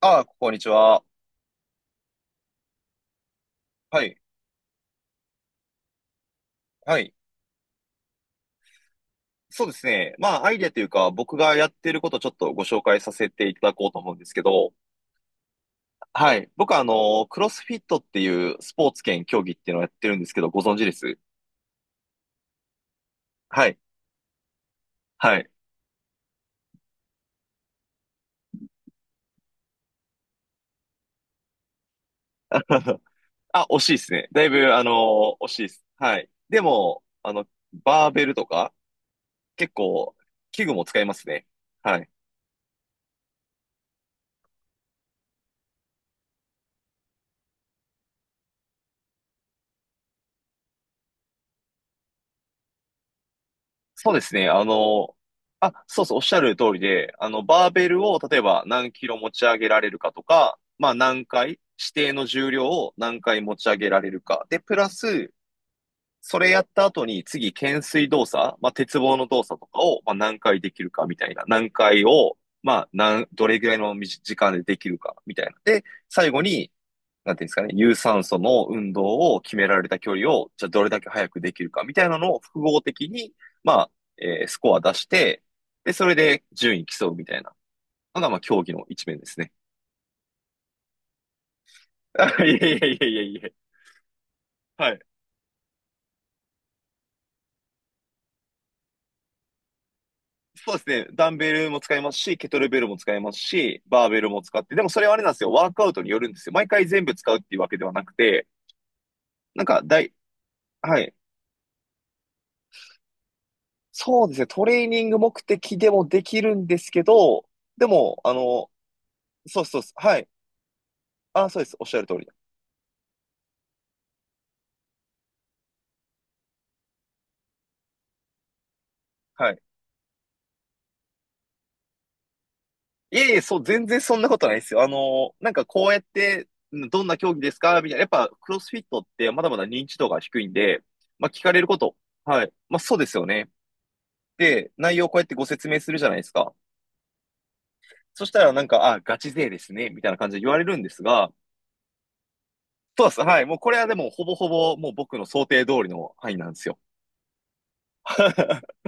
ああ、こんにちは。はい。はい。そうですね。まあ、アイデアというか、僕がやってることをちょっとご紹介させていただこうと思うんですけど、はい。僕は、クロスフィットっていうスポーツ兼競技っていうのをやってるんですけど、ご存知です？はい。はい。あ、惜しいですね。だいぶ、惜しいです。はい。でも、バーベルとか、結構、器具も使いますね。はい。そうですね。あ、そうそう、おっしゃる通りで、バーベルを例えば何キロ持ち上げられるかとか、まあ何回、指定の重量を何回持ち上げられるか。で、プラス、それやった後に次、懸垂動作、まあ鉄棒の動作とかを、まあ何回できるかみたいな。何回を、まあ、どれぐらいの短時間でできるかみたいな。で、最後に、なんていうんですかね、有酸素の運動を決められた距離を、じゃあどれだけ早くできるかみたいなのを複合的に、まあ、スコア出して、で、それで順位競うみたいなのが、まあ、競技の一面ですね。いやいやいやいや、いやはい。そうですね。ダンベルも使いますし、ケトルベルも使いますし、バーベルも使って、でもそれはあれなんですよ。ワークアウトによるんですよ。毎回全部使うっていうわけではなくて、なんか、だい、はい。そうですね。トレーニング目的でもできるんですけど、でも、そうそうそう、はい。ああ、そうです。おっしゃる通りだ。はい。いえいえ、そう、全然そんなことないですよ。なんかこうやって、どんな競技ですかみたいな。やっぱ、クロスフィットってまだまだ認知度が低いんで、まあ聞かれること。はい。まあそうですよね。で、内容をこうやってご説明するじゃないですか。そしたらなんか、あ、ガチ勢ですね。みたいな感じで言われるんですが、そうです。はい。もうこれはでも、ほぼほぼ、もう僕の想定通りの範囲なんですよ。は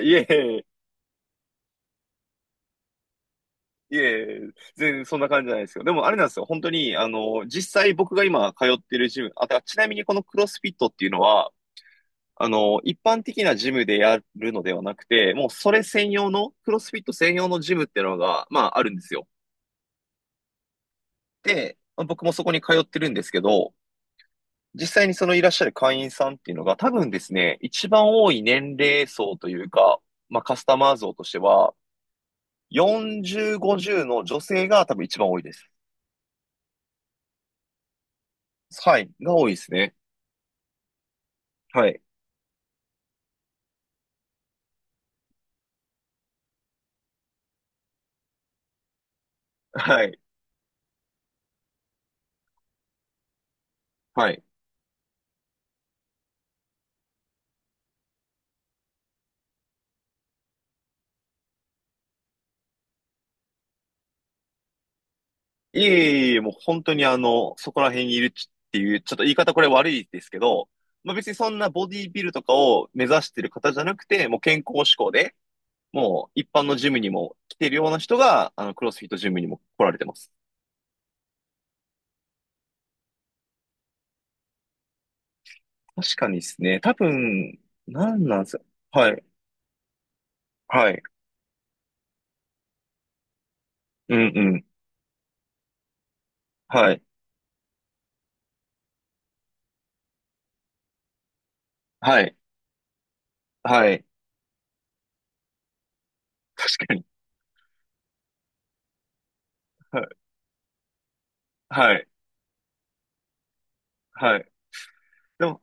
いいえいえ。いえ、全然そんな感じじゃないですよ。でもあれなんですよ。本当に、実際僕が今通ってるジム、あ、だからちなみにこのクロスフィットっていうのは、一般的なジムでやるのではなくて、もうそれ専用の、クロスフィット専用のジムっていうのが、まああるんですよ。で、まあ僕もそこに通ってるんですけど、実際にそのいらっしゃる会員さんっていうのが多分ですね、一番多い年齢層というか、まあカスタマー層としては、40、50の女性が多分一番多いです。はい、が多いですね。はい。はい。はい。いえいえいえ、もう本当にあの、そこら辺にいるっていう、ちょっと言い方これ悪いですけど、まあ別にそんなボディビルとかを目指してる方じゃなくて、もう健康志向で、もう一般のジムにも来てるような人が、クロスフィットジムにも来られてます。確かにですね。多分、なんなんですよ。はい。はい。うんうん。はい。はい。はい。確かにはい。はい。はい。でも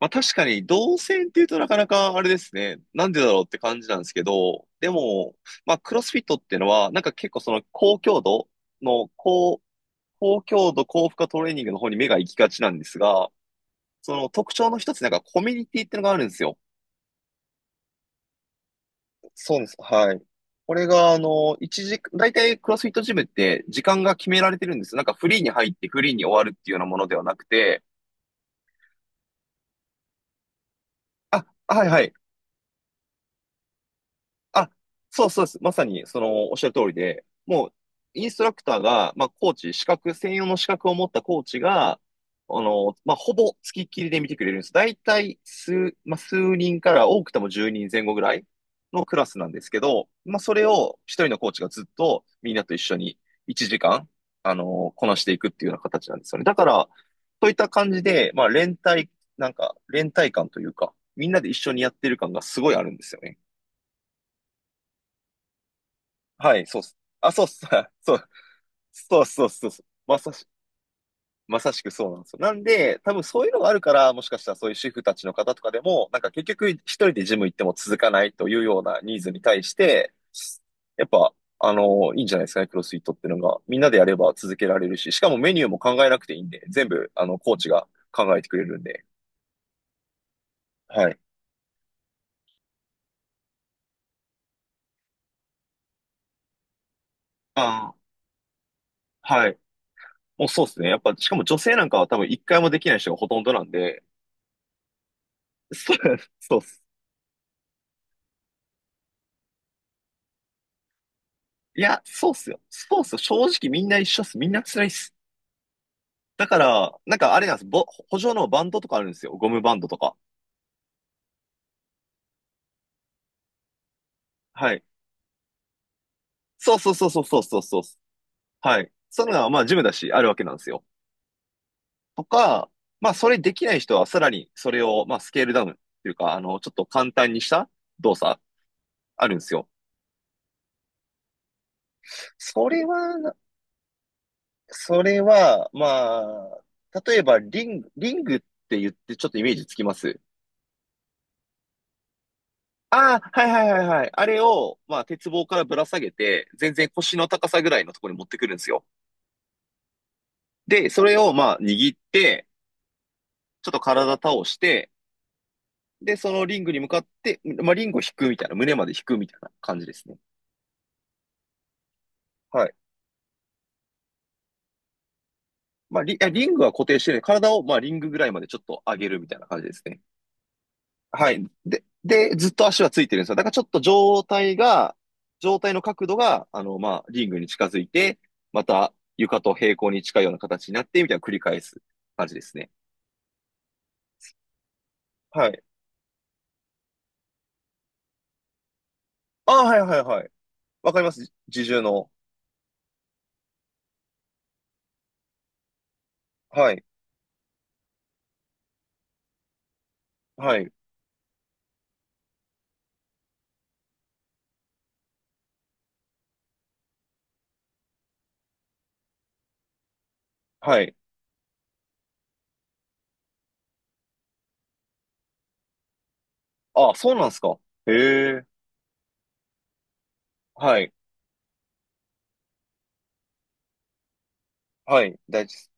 まあ確かに、動線っていうとなかなかあれですね。なんでだろうって感じなんですけど、でも、まあクロスフィットっていうのは、なんか結構その高強度の高、高強度高負荷トレーニングの方に目が行きがちなんですが、その特徴の一つ、なんかコミュニティっていうのがあるんですよ。そうです。はい。これが、一時、大体クロスフィットジムって時間が決められてるんですよ。なんかフリーに入ってフリーに終わるっていうようなものではなくて、あ、はいはい。あ、そうそうです。まさに、その、おっしゃる通りで、もう、インストラクターが、まあ、コーチ、資格、専用の資格を持ったコーチが、まあ、ほぼ付きっきりで見てくれるんです。だいたい数、まあ、数人から多くても10人前後ぐらいのクラスなんですけど、まあ、それを一人のコーチがずっとみんなと一緒に1時間、こなしていくっていうような形なんですよね。だから、そういった感じで、まあ、連帯、なんか、連帯感というか、みんなで一緒にやってる感がすごいあるんですよね。はい、そうっす。あ、そうっす。そう、そうそうそうそう。まさしくそうなんですよ。なんで、多分そういうのがあるから、もしかしたらそういう主婦たちの方とかでも、なんか結局一人でジム行っても続かないというようなニーズに対して、やっぱ、いいんじゃないですかね、クロスフィットっていうのが。みんなでやれば続けられるし、しかもメニューも考えなくていいんで、全部、コーチが考えてくれるんで。はい。ああ、はい。もうそうですね。やっぱ、しかも女性なんかは多分一回もできない人がほとんどなんで、そう、そういや、そうっすよ。スポーツ、正直みんな一緒っす。みんな辛いっす。だから、なんかあれなんです。補助のバンドとかあるんですよ。ゴムバンドとか。はい。そうそうそうそうそうそうそう。はい。そういうのが、まあ、ジムだし、あるわけなんですよ。とか、まあ、それできない人は、さらに、それを、まあ、スケールダウンっていうか、ちょっと簡単にした動作、あるんですよ。それは、それは、まあ、例えば、リングって言って、ちょっとイメージつきます？ああ、はいはいはいはい。あれを、まあ、鉄棒からぶら下げて、全然腰の高さぐらいのところに持ってくるんですよ。で、それを、まあ、握って、ちょっと体倒して、で、そのリングに向かって、まあ、リングを引くみたいな、胸まで引くみたいな感じですね。はい。リングは固定してる体を、まあ、リングぐらいまでちょっと上げるみたいな感じですね。はい。で、ずっと足はついてるんですよ。だからちょっと状態の角度が、まあ、リングに近づいて、また床と平行に近いような形になって、みたいな繰り返す感じですね。はい。ああ、はいはいはい。わかります。自重の。はい。はい。はい。ああ、そうなんですか。へえ。はい。はい。大事です。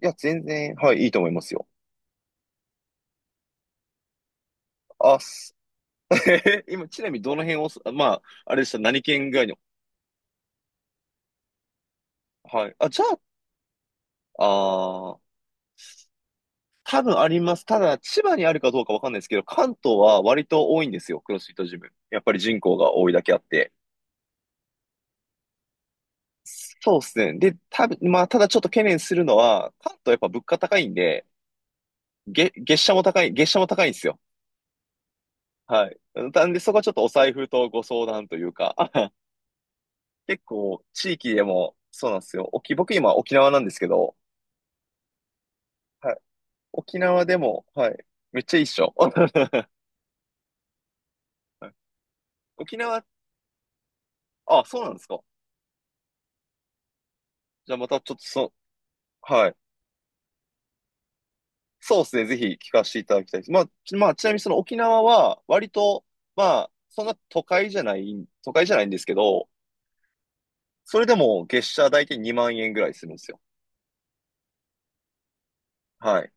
いや、全然、はい、いいと思いますよ。あ、す 今、ちなみにどの辺をす、まあ、あれでした、何県ぐらいの。はい。あ、じゃあ、ああ、多分あります。ただ、千葉にあるかどうかわかんないですけど、関東は割と多いんですよ、クロスフィットジム。やっぱり人口が多いだけあって。そうですね。で、多分、まあ、ただちょっと懸念するのは、関東やっぱ物価高いんで、月謝も高いんですよ。はい。なんで、そこはちょっとお財布とご相談というか、結構、地域でも、そうなんですよ。僕今沖縄なんですけど、はい。沖縄でも、はい。めっちゃいいっしょ。はい沖縄、あ、そうなんですか。じゃあまたちょっとそ、はい。そうですね。ぜひ聞かせていただきたいです。まあ、ちなみにその沖縄は、割と、まあ、そんな都会じゃない、都会じゃないんですけど、それでも月謝大体2万円ぐらいするんですよ。はい。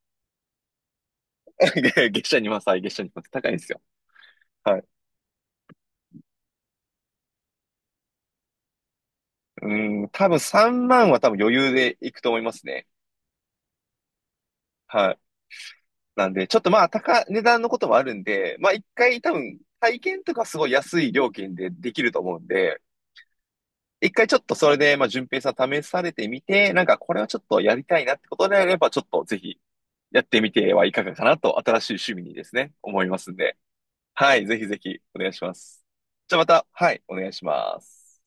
月謝2万歳、はい月謝2万って高いんですよ。はい。うん、多分3万は多分余裕でいくと思いますね。はい。なんで、ちょっとまあ、値段のこともあるんで、まあ一回多分、体験とかすごい安い料金でできると思うんで、一回ちょっとそれで、まあ、順平さん試されてみて、なんかこれはちょっとやりたいなってことであれば、ちょっとぜひやってみてはいかがかなと、新しい趣味にですね、思いますんで。はい、ぜひぜひお願いします。じゃあまた、はい、お願いします。